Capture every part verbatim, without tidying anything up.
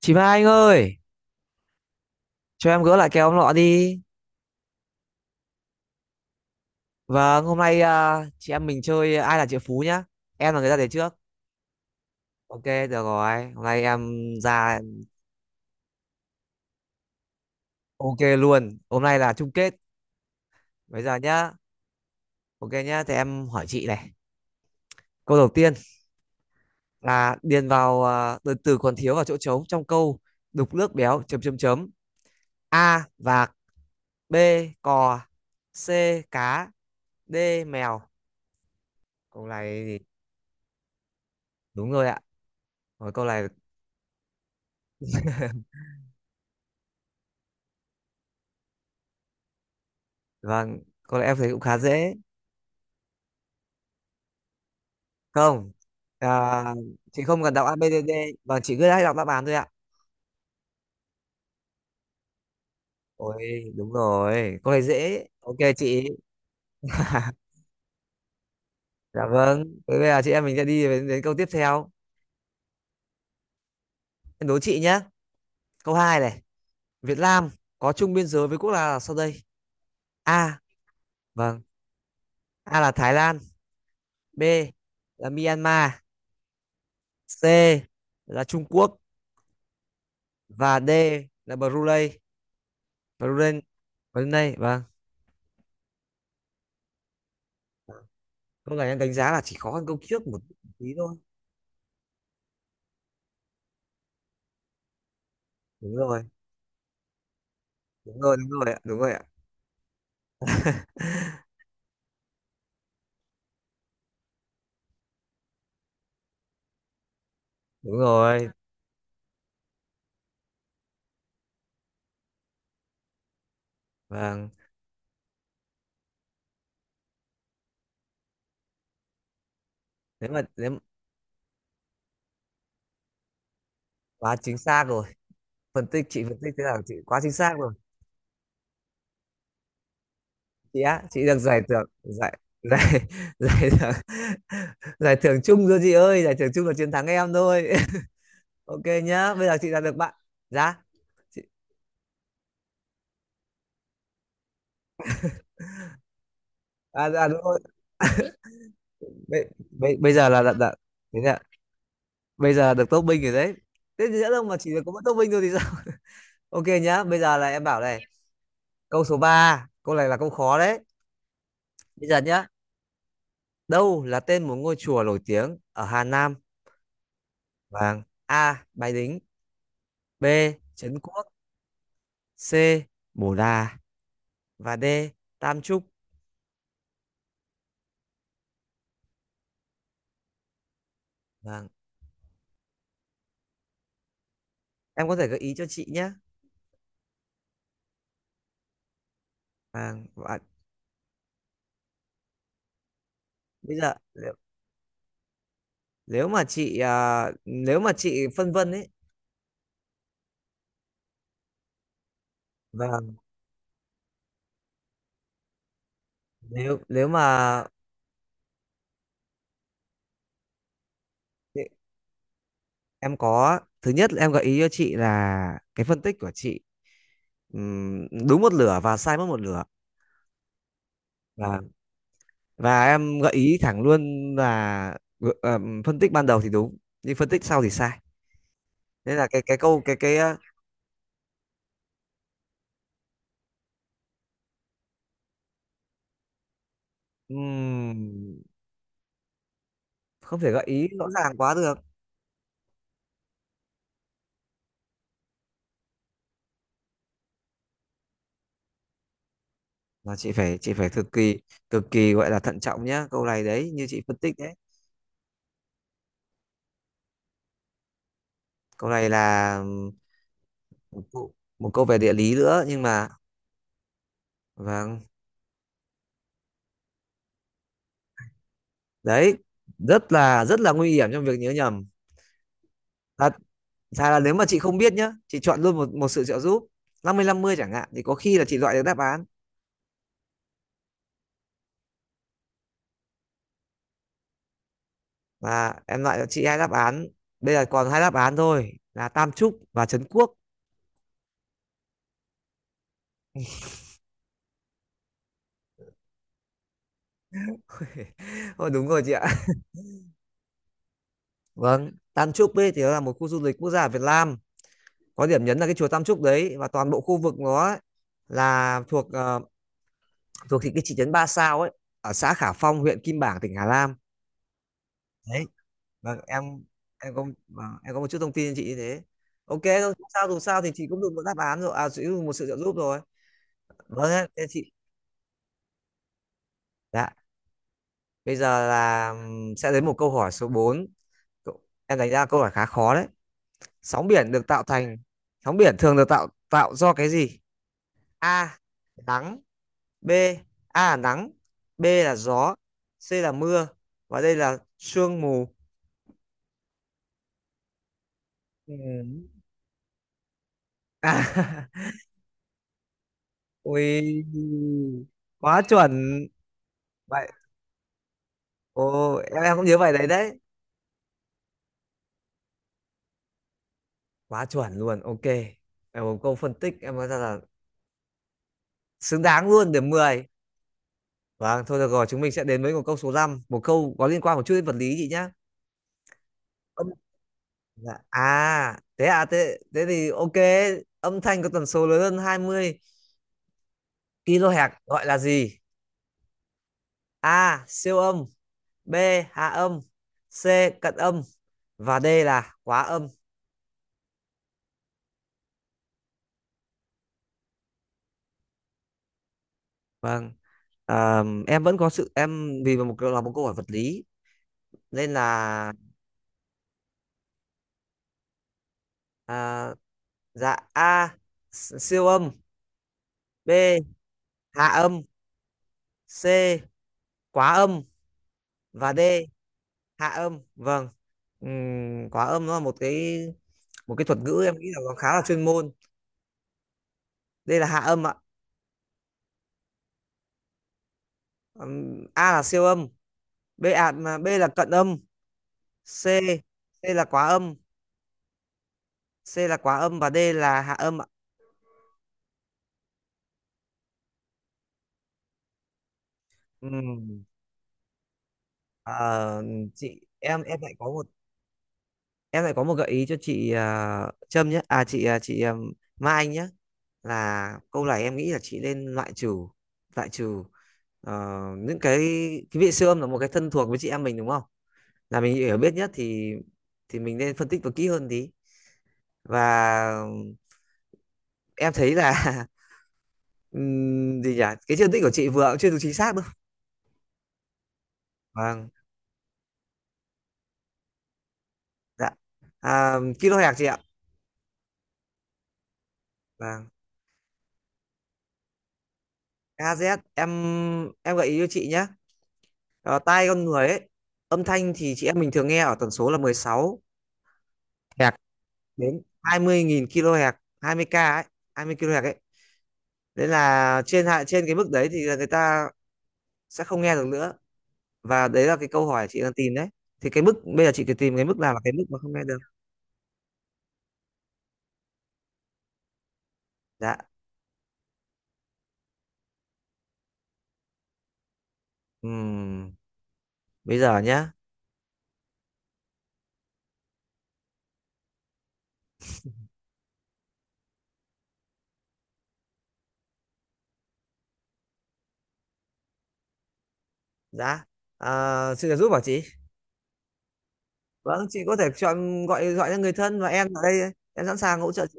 Chị Mai Anh ơi, cho em gỡ lại cái ông lọ đi. Vâng, hôm nay à, chị em mình chơi ai là triệu phú nhá. Em là người ra đề trước. Ok, được rồi. Hôm nay em ra ok luôn. Hôm nay là chung kết. Bây giờ nhá. Ok nhá, thì em hỏi chị này. Câu đầu tiên là điền vào à, từ từ còn thiếu vào chỗ trống trong câu đục nước béo chấm chấm chấm. A vạc, B cò, C cá, D mèo. Câu này thì đúng rồi ạ. Rồi câu này vâng, câu này em thấy cũng khá dễ. Không à, chị không cần đọc a ABCD và chị cứ hay đọc đáp án thôi ạ. Ôi đúng rồi, câu này dễ, ok chị. Dạ vâng, thế bây giờ chị em mình sẽ đi đến, đến câu tiếp theo. Em đố chị nhé, câu hai này: Việt Nam có chung biên giới với quốc gia nào sau đây? A vâng, A là Thái Lan, B là Myanmar, C là Trung Quốc và D là Brunei. Brunei. Brunei vâng. Câu này em đánh giá là chỉ khó hơn câu trước một tí thôi. Đúng rồi, đúng rồi đúng rồi ạ, đúng rồi ạ. Đúng rồi vâng. Nếu mà nếu mà quá chính xác rồi. Phân tích, chị phân tích thế là chị quá chính xác rồi. Chị á, chị được giải thưởng, giải giải giải thưởng, giải thưởng chung rồi chị ơi, giải thưởng chung là chiến thắng em thôi. Ok nhá, bây giờ chị đã được bạn giá chị... À, à đúng rồi, bây, bây, bây giờ là đã, đã, thế nè, bây giờ được top binh rồi đấy. Thế thì nữa đâu mà chỉ được có mỗi top binh thôi thì sao. Ok nhá, bây giờ là em bảo này, câu số ba. Câu này là câu khó đấy. Bây giờ nhá, đâu là tên một ngôi chùa nổi tiếng ở Hà Nam? Vâng. A. Bái Đính. B. Trấn Quốc. C. Bồ Đà. Và D. Tam Trúc. Vâng. Em có thể gợi ý cho chị nhé. Vâng. Và bây giờ nếu, nếu mà chị à, nếu mà chị phân vân ấy. Vâng. Nếu nếu mà em có thứ nhất là em gợi ý cho chị là cái phân tích của chị ừm, đúng một lửa và sai mất một lửa. Vâng. Và em gợi ý thẳng luôn là ờ, phân tích ban đầu thì đúng nhưng phân tích sau thì sai. Nên là cái cái câu cái cái ờ, Ừm, không thể gợi ý rõ ràng quá được, mà chị phải chị phải cực kỳ, cực kỳ gọi là thận trọng nhá câu này đấy, như chị phân tích đấy. Câu này là ừm, một câu, một câu về địa lý nữa nhưng mà vâng đấy, rất là rất là nguy hiểm trong việc nhớ nhầm. Thật ra là nếu mà chị không biết nhá, chị chọn luôn một một sự trợ giúp năm mươi năm mươi chẳng hạn, thì có khi là chị loại được đáp án và em loại cho chị hai đáp án. Bây giờ còn hai đáp án thôi là Tam Trúc và Trấn Quốc. Ôi, đúng rồi chị ạ. Vâng, Tam Chúc ấy thì nó là một khu du lịch quốc gia ở Việt Nam. Có điểm nhấn là cái chùa Tam Chúc đấy, và toàn bộ khu vực nó ấy là thuộc ờ, thuộc thị cái thị trấn Ba Sao ấy, ở xã Khả Phong, huyện Kim Bảng, tỉnh Hà Nam. Đấy, vâng em em có vâng, em có một chút thông tin cho chị như thế. Ok thôi, không sao, dù sao thì chị cũng được một đáp án rồi, à chị cũng được một sự trợ giúp rồi. Vâng, thế thế chị. Dạ, bây giờ là ừm, sẽ đến một câu hỏi số bốn. Cậu- em đánh ra câu hỏi khá khó đấy. Sóng biển được tạo thành, sóng biển thường được tạo tạo do cái gì? A nắng, B, A là nắng, B là gió, C là mưa và đây là sương mù. Ừ. À, ui quá chuẩn vậy. Ồ em, em cũng nhớ bài đấy đấy, quá chuẩn luôn ok. Em một câu phân tích em nói ra là xứng đáng luôn điểm mười. Vâng, thôi được rồi, chúng mình sẽ đến với một câu số năm, một câu có liên quan một chút đến vật lý chị nhá. Âm- dạ. à thế à thế, thế thì ok. Âm thanh có tần số lớn hơn hai mươi kilohertz gọi là gì? A. Siêu âm. B. Hạ âm. C. Cận âm. Và D là quá âm. Vâng à, em vẫn có sự em vì một là một câu hỏi vật lý nên là à, dạ A siêu âm, B hạ âm, C quá âm và D hạ âm vâng. Ừm, quá âm nó là một cái, một cái thuật ngữ em nghĩ là nó khá là chuyên môn. Đây là hạ âm ạ. Ừm, A là siêu âm, B à, mà B là cận âm, C, C là quá âm, C là quá âm và D là hạ âm ạ. Ừ. Ờ, chị em em lại có một, em lại có một gợi ý cho chị ờ, Trâm nhé à chị ờ, chị ờ, Mai Anh nhé, là câu này em nghĩ là chị nên loại trừ, loại trừ ờ, những cái cái vị siêu âm là một cái thân thuộc với chị em mình đúng không, là mình hiểu biết nhất thì thì mình nên phân tích và kỹ hơn tí. Và em thấy là ừm, gì nhỉ, cái phân tích của chị vừa cũng chưa được chính xác đâu. Vâng. Dạ à, kim loại hạt chị ạ. Vâng ca dét. Em em gợi ý cho chị nhé. Ờ, tai con người ấy, âm thanh thì chị em mình thường nghe ở tần số là mười sáu Hz đến hai mươi nghìn kHz, hai mươi k ấy, hai mươi kHz ấy. Đấy là trên hạ trên cái mức đấy thì là người ta sẽ không nghe được nữa, và đấy là cái câu hỏi chị đang tìm đấy. Thì cái mức bây giờ chị cứ tìm cái mức nào là cái mức mà không nghe được. Dạ. Ừm, bây giờ nhá, dạ à, xin được giúp bảo chị. Vâng chị có thể chọn, gọi gọi cho người thân, và em ở đây em sẵn sàng hỗ trợ chị.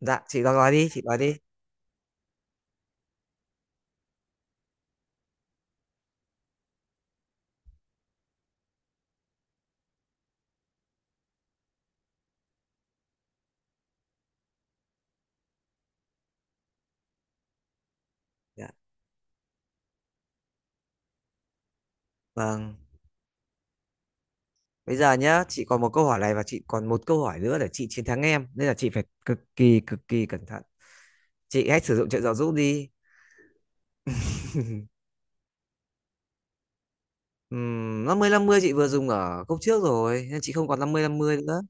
Dạ chị gọi gọi đi, chị gọi đi. Dạ. Vâng bây giờ nhá, chị còn một câu hỏi này và chị còn một câu hỏi nữa để chị chiến thắng em, nên là chị phải cực kỳ, cực kỳ cẩn thận. Chị hãy sử dụng trợ giáo giúp đi. Uhm, năm mươi năm mươi chị vừa dùng ở khúc trước rồi nên chị không còn năm mươi năm mươi nữa.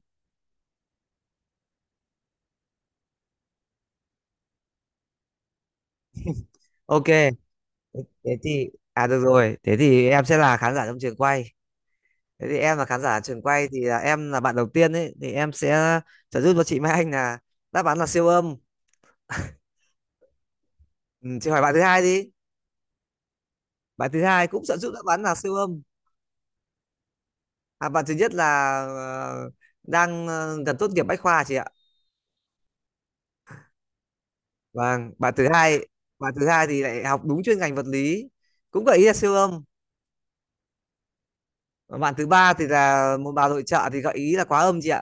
Ok thế thì à, được rồi, thế thì em sẽ là khán giả trong trường quay. Thế thì em là khán giả trường quay thì là em là bạn đầu tiên ấy, thì em sẽ trợ giúp cho chị Mai Anh là đáp án là siêu âm. Ừ, chị hỏi bạn thứ hai đi. Bạn thứ hai cũng sợ giúp đáp án là siêu âm. À, bạn thứ nhất là ờ, đang ờ, gần tốt nghiệp bách khoa chị ạ. Vâng, bạn thứ hai, bạn thứ hai thì lại học đúng chuyên ngành vật lý, cũng gợi ý là siêu âm. Và bạn thứ ba thì là một bà nội trợ thì gợi ý là quá âm chị ạ.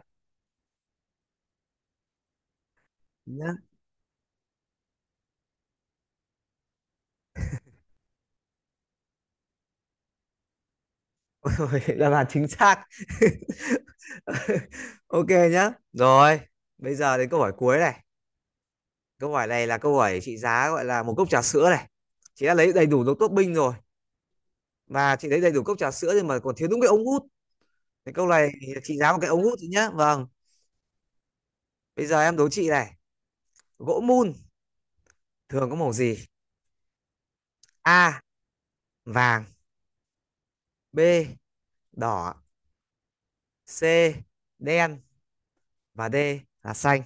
Nhá. Ôi, đáp án chính xác. Ok nhá. Rồi, bây giờ đến câu hỏi cuối này. Câu hỏi này là câu hỏi trị giá gọi là một cốc trà sữa này. Chị đã lấy đầy đủ đồ tốt binh rồi. Và chị lấy đầy đủ cốc trà sữa nhưng mà còn thiếu đúng cái ống hút. Cái câu này thì trị giá một cái ống hút thôi nhá. Vâng. Bây giờ em đố chị này. Gỗ mun thường có màu gì? A. Vàng. B. Đỏ. C. Đen. Và D là xanh.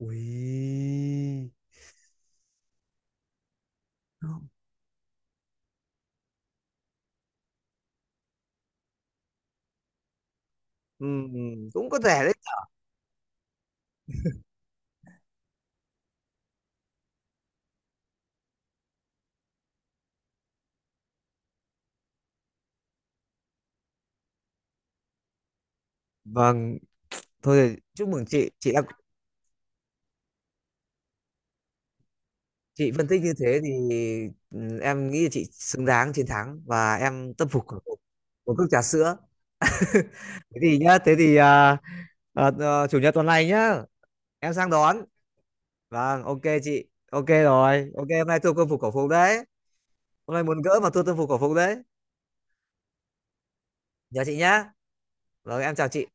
Ui. Ừm, cũng có thể đấy. Vâng. Thôi thì chúc mừng chị. Chị đã, chị phân tích như thế thì ừm, em nghĩ là chị xứng đáng chiến thắng và em tâm phục khẩu phục. Một cốc trà sữa. Thế thì nhá, thế thì à, à, à, chủ nhật tuần này nhá. Em sang đón. Vâng, ok chị. Ok rồi. Ok, hôm nay thua quân phục cổ phục đấy. Hôm nay muốn gỡ mà thua quân phục cổ phục đấy. Nhớ chị nhá. Rồi, em chào chị.